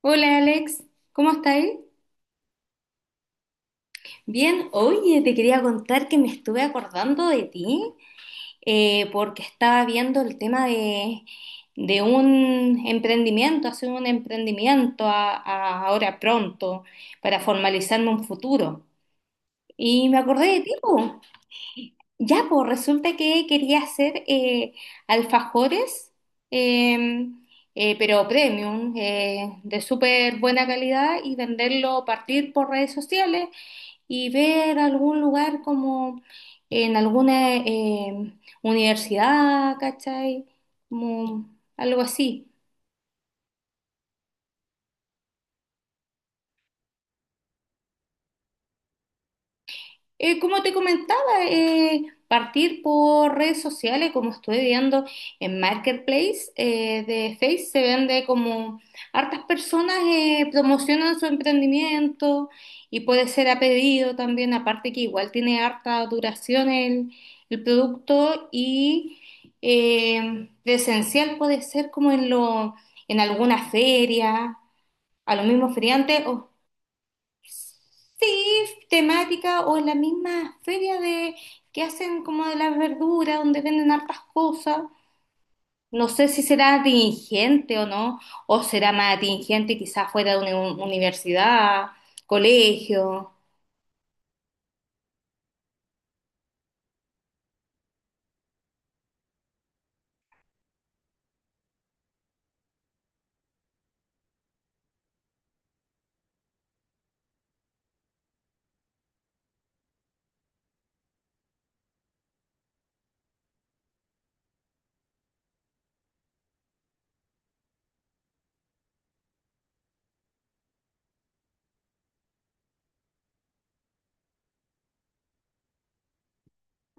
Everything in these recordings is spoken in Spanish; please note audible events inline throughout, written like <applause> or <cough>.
Hola Alex, ¿cómo estáis? Bien, oye, te quería contar que me estuve acordando de ti, porque estaba viendo el tema de un emprendimiento, hacer un emprendimiento ahora pronto para formalizarme un futuro. Y me acordé de ti, po. Ya, pues resulta que quería hacer alfajores, eh, pero premium, de súper buena calidad y venderlo, partir por redes sociales y ver algún lugar como en alguna universidad, ¿cachai? Como algo así. Como te comentaba, partir por redes sociales, como estoy viendo en Marketplace de Face, se vende como hartas personas promocionan su emprendimiento y puede ser a pedido también, aparte que igual tiene harta duración el producto y presencial puede ser como en alguna feria, a los mismos feriantes, o sí, temática o en la misma feria de que hacen como de las verduras, donde venden hartas cosas. No sé si será atingente o no, o será más atingente quizás fuera de una universidad, colegio.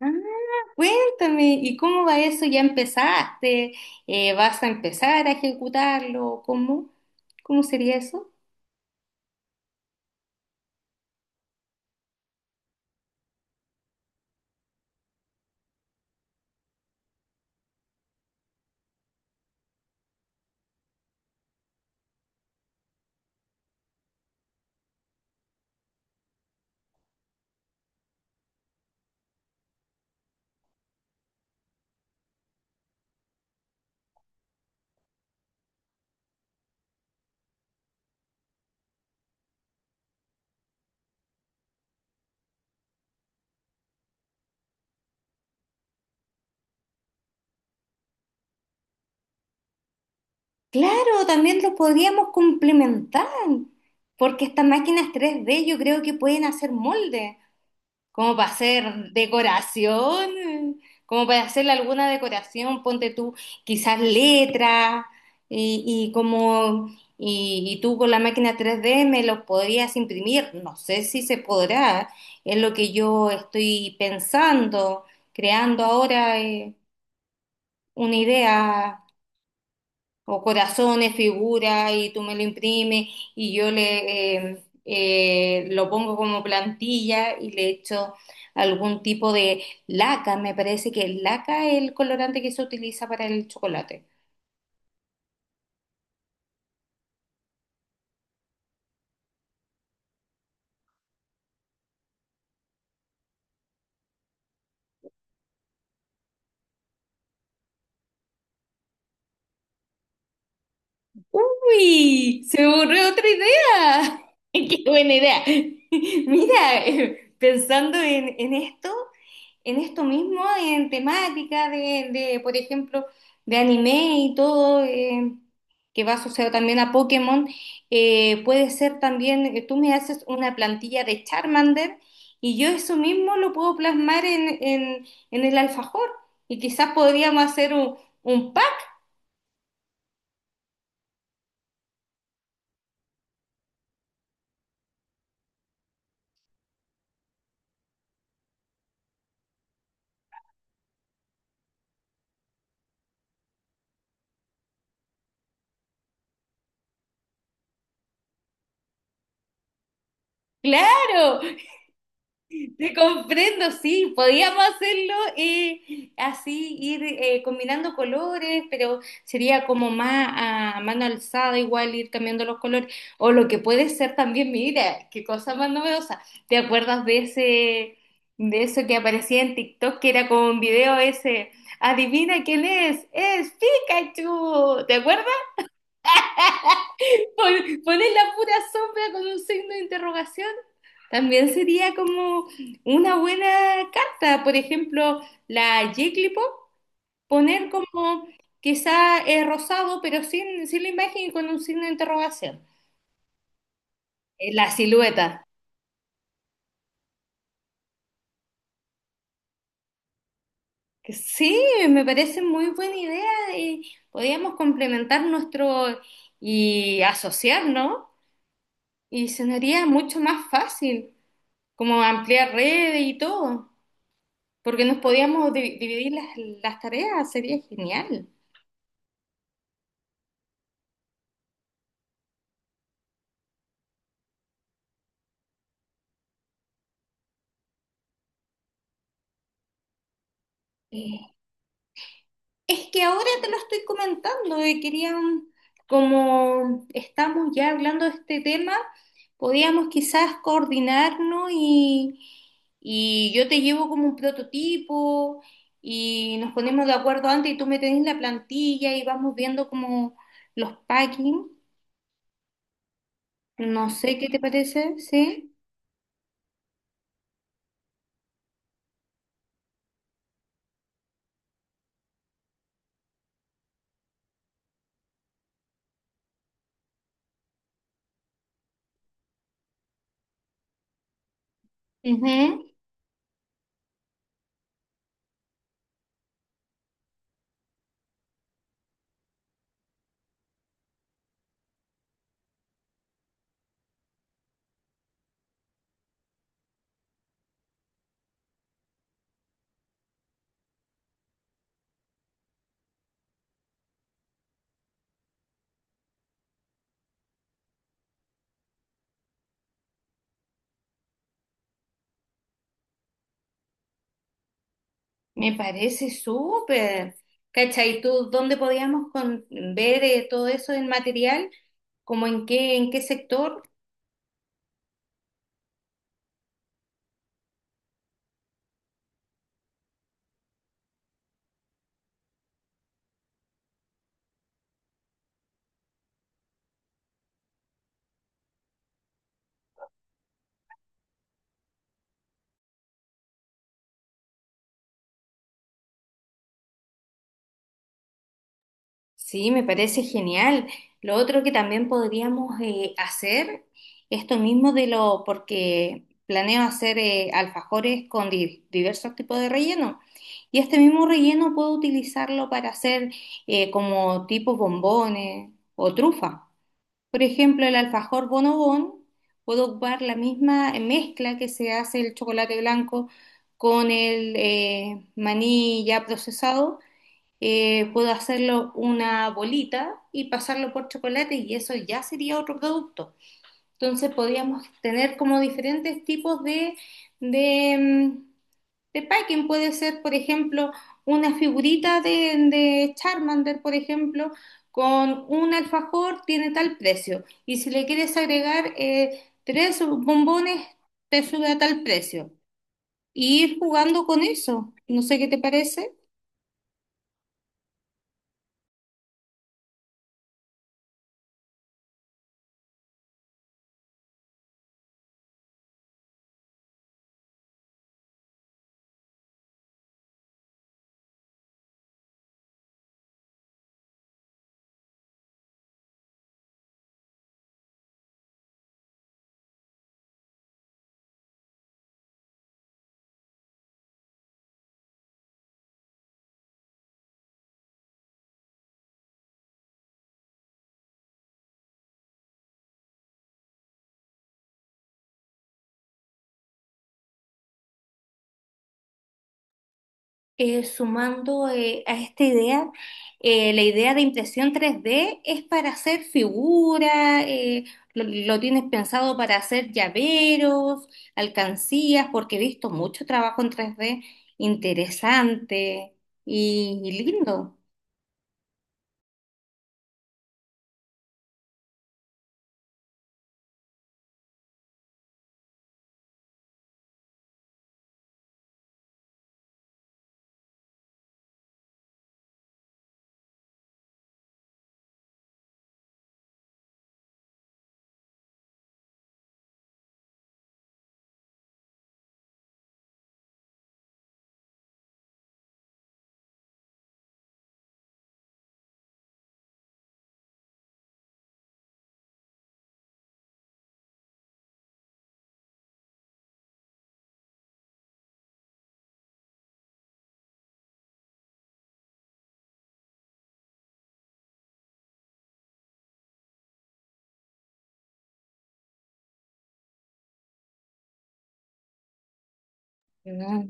Ah, cuéntame, ¿y cómo va eso? ¿Ya empezaste? ¿Vas a empezar a ejecutarlo? ¿Cómo? ¿Cómo sería eso? Claro, también lo podríamos complementar, porque estas máquinas 3D yo creo que pueden hacer molde, como para hacer decoración, como para hacerle alguna decoración, ponte tú quizás letras y, y como y tú con la máquina 3D me los podrías imprimir, no sé si se podrá, es lo que yo estoy pensando, creando ahora una idea o corazones, figuras, y tú me lo imprimes y yo le lo pongo como plantilla y le echo algún tipo de laca. Me parece que el laca es el colorante que se utiliza para el chocolate. ¡Uy! Se me ocurrió otra idea. <laughs> ¡Qué buena idea! <laughs> Mira, pensando en esto mismo, en temática de, por ejemplo, de anime y todo. Que va asociado también a Pokémon. Puede ser también, tú me haces una plantilla de Charmander y yo eso mismo lo puedo plasmar en el alfajor y quizás podríamos hacer un pack, claro. Te comprendo, sí, podíamos hacerlo así, ir combinando colores, pero sería como más a mano alzada, igual ir cambiando los colores. O lo que puede ser también, mira, qué cosa más novedosa. ¿Te acuerdas de de eso que aparecía en TikTok, que era como un video ese? Adivina quién es Pikachu. ¿Te acuerdas? Poner la pura sombra con un signo de interrogación. También sería como una buena carta, por ejemplo, la Jigglypuff, poner como quizá rosado, pero sin la imagen y con un signo de interrogación. La silueta. Que sí, me parece muy buena idea. Eh, podríamos complementar nuestro y asociarnos y se mucho más fácil, como ampliar redes y todo, porque nos podíamos dividir las tareas, sería genial. Eh, Es que ahora te lo estoy comentando y querían, como estamos ya hablando de este tema, podíamos quizás coordinarnos y yo te llevo como un prototipo y nos ponemos de acuerdo antes y tú me tenés la plantilla y vamos viendo como los packing. No sé qué te parece, ¿sí? Ujú. Me parece súper. ¿Cachai? ¿Tú dónde podíamos ver todo eso en material? ¿Cómo en qué sector? Sí, me parece genial. Lo otro que también podríamos hacer, esto mismo de lo, porque planeo hacer alfajores con diversos tipos de relleno. Y este mismo relleno puedo utilizarlo para hacer como tipo bombones o trufa. Por ejemplo, el alfajor bonobón, puedo ocupar la misma mezcla que se hace el chocolate blanco con el maní ya procesado. Puedo hacerlo una bolita y pasarlo por chocolate y eso ya sería otro producto. Entonces podríamos tener como diferentes tipos de, de packing. Puede ser, por ejemplo, una figurita de Charmander, por ejemplo, con un alfajor tiene tal precio. Y si le quieres agregar tres bombones, te sube a tal precio. Y ir jugando con eso. No sé qué te parece. Sumando a esta idea, la idea de impresión 3D es para hacer figuras, eh, lo tienes pensado para hacer llaveros, alcancías, porque he visto mucho trabajo en 3D interesante y lindo. ¿No?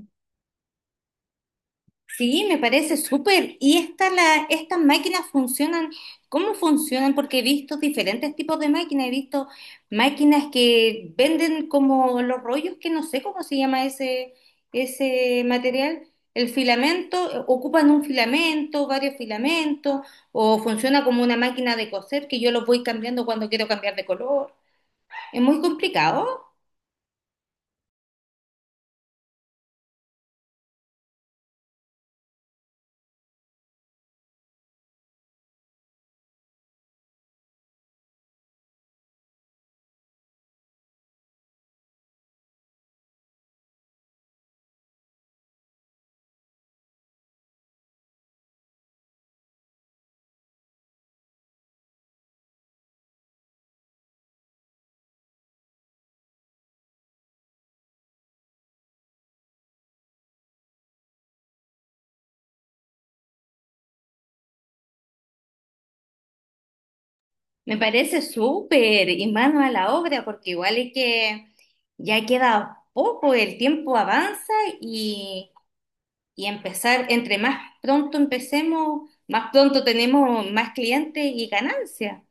Sí, me parece súper. ¿Y esta la, estas máquinas funcionan? ¿Cómo funcionan? Porque he visto diferentes tipos de máquinas. He visto máquinas que venden como los rollos, que no sé cómo se llama ese material. El filamento, ocupan un filamento, varios filamentos, o funciona como una máquina de coser que yo los voy cambiando cuando quiero cambiar de color. Es muy complicado. Me parece súper y mano a la obra, porque igual es que ya queda poco, el tiempo avanza y, y empezar, entre más pronto empecemos, más pronto tenemos más clientes y ganancia.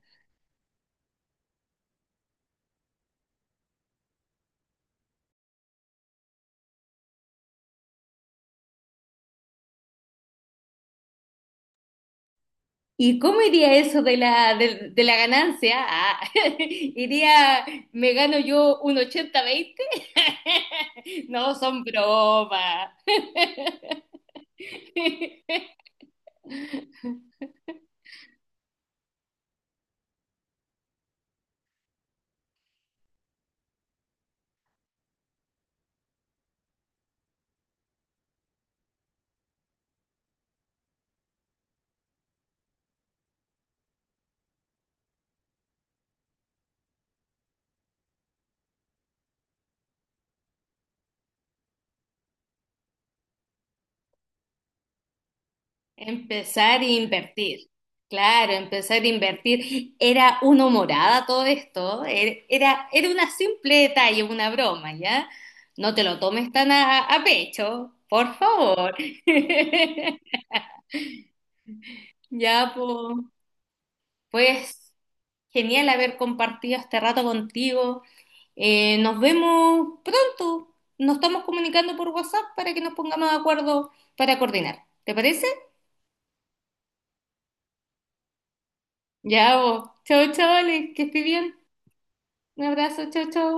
¿Y cómo iría eso de de la ganancia? Ah, <laughs> iría, me gano yo un 80-20. <laughs> No, son bromas. <laughs> Empezar a invertir. Claro, empezar a invertir. Era una humorada todo esto. Era una simple detalle, una broma, ¿ya? No te lo tomes tan a pecho, por favor. <laughs> Ya, po. Pues, genial haber compartido este rato contigo. Nos vemos pronto. Nos estamos comunicando por WhatsApp para que nos pongamos de acuerdo para coordinar. ¿Te parece? Ya, po. Chau, chavales, que estés bien. Un abrazo, chao, chao.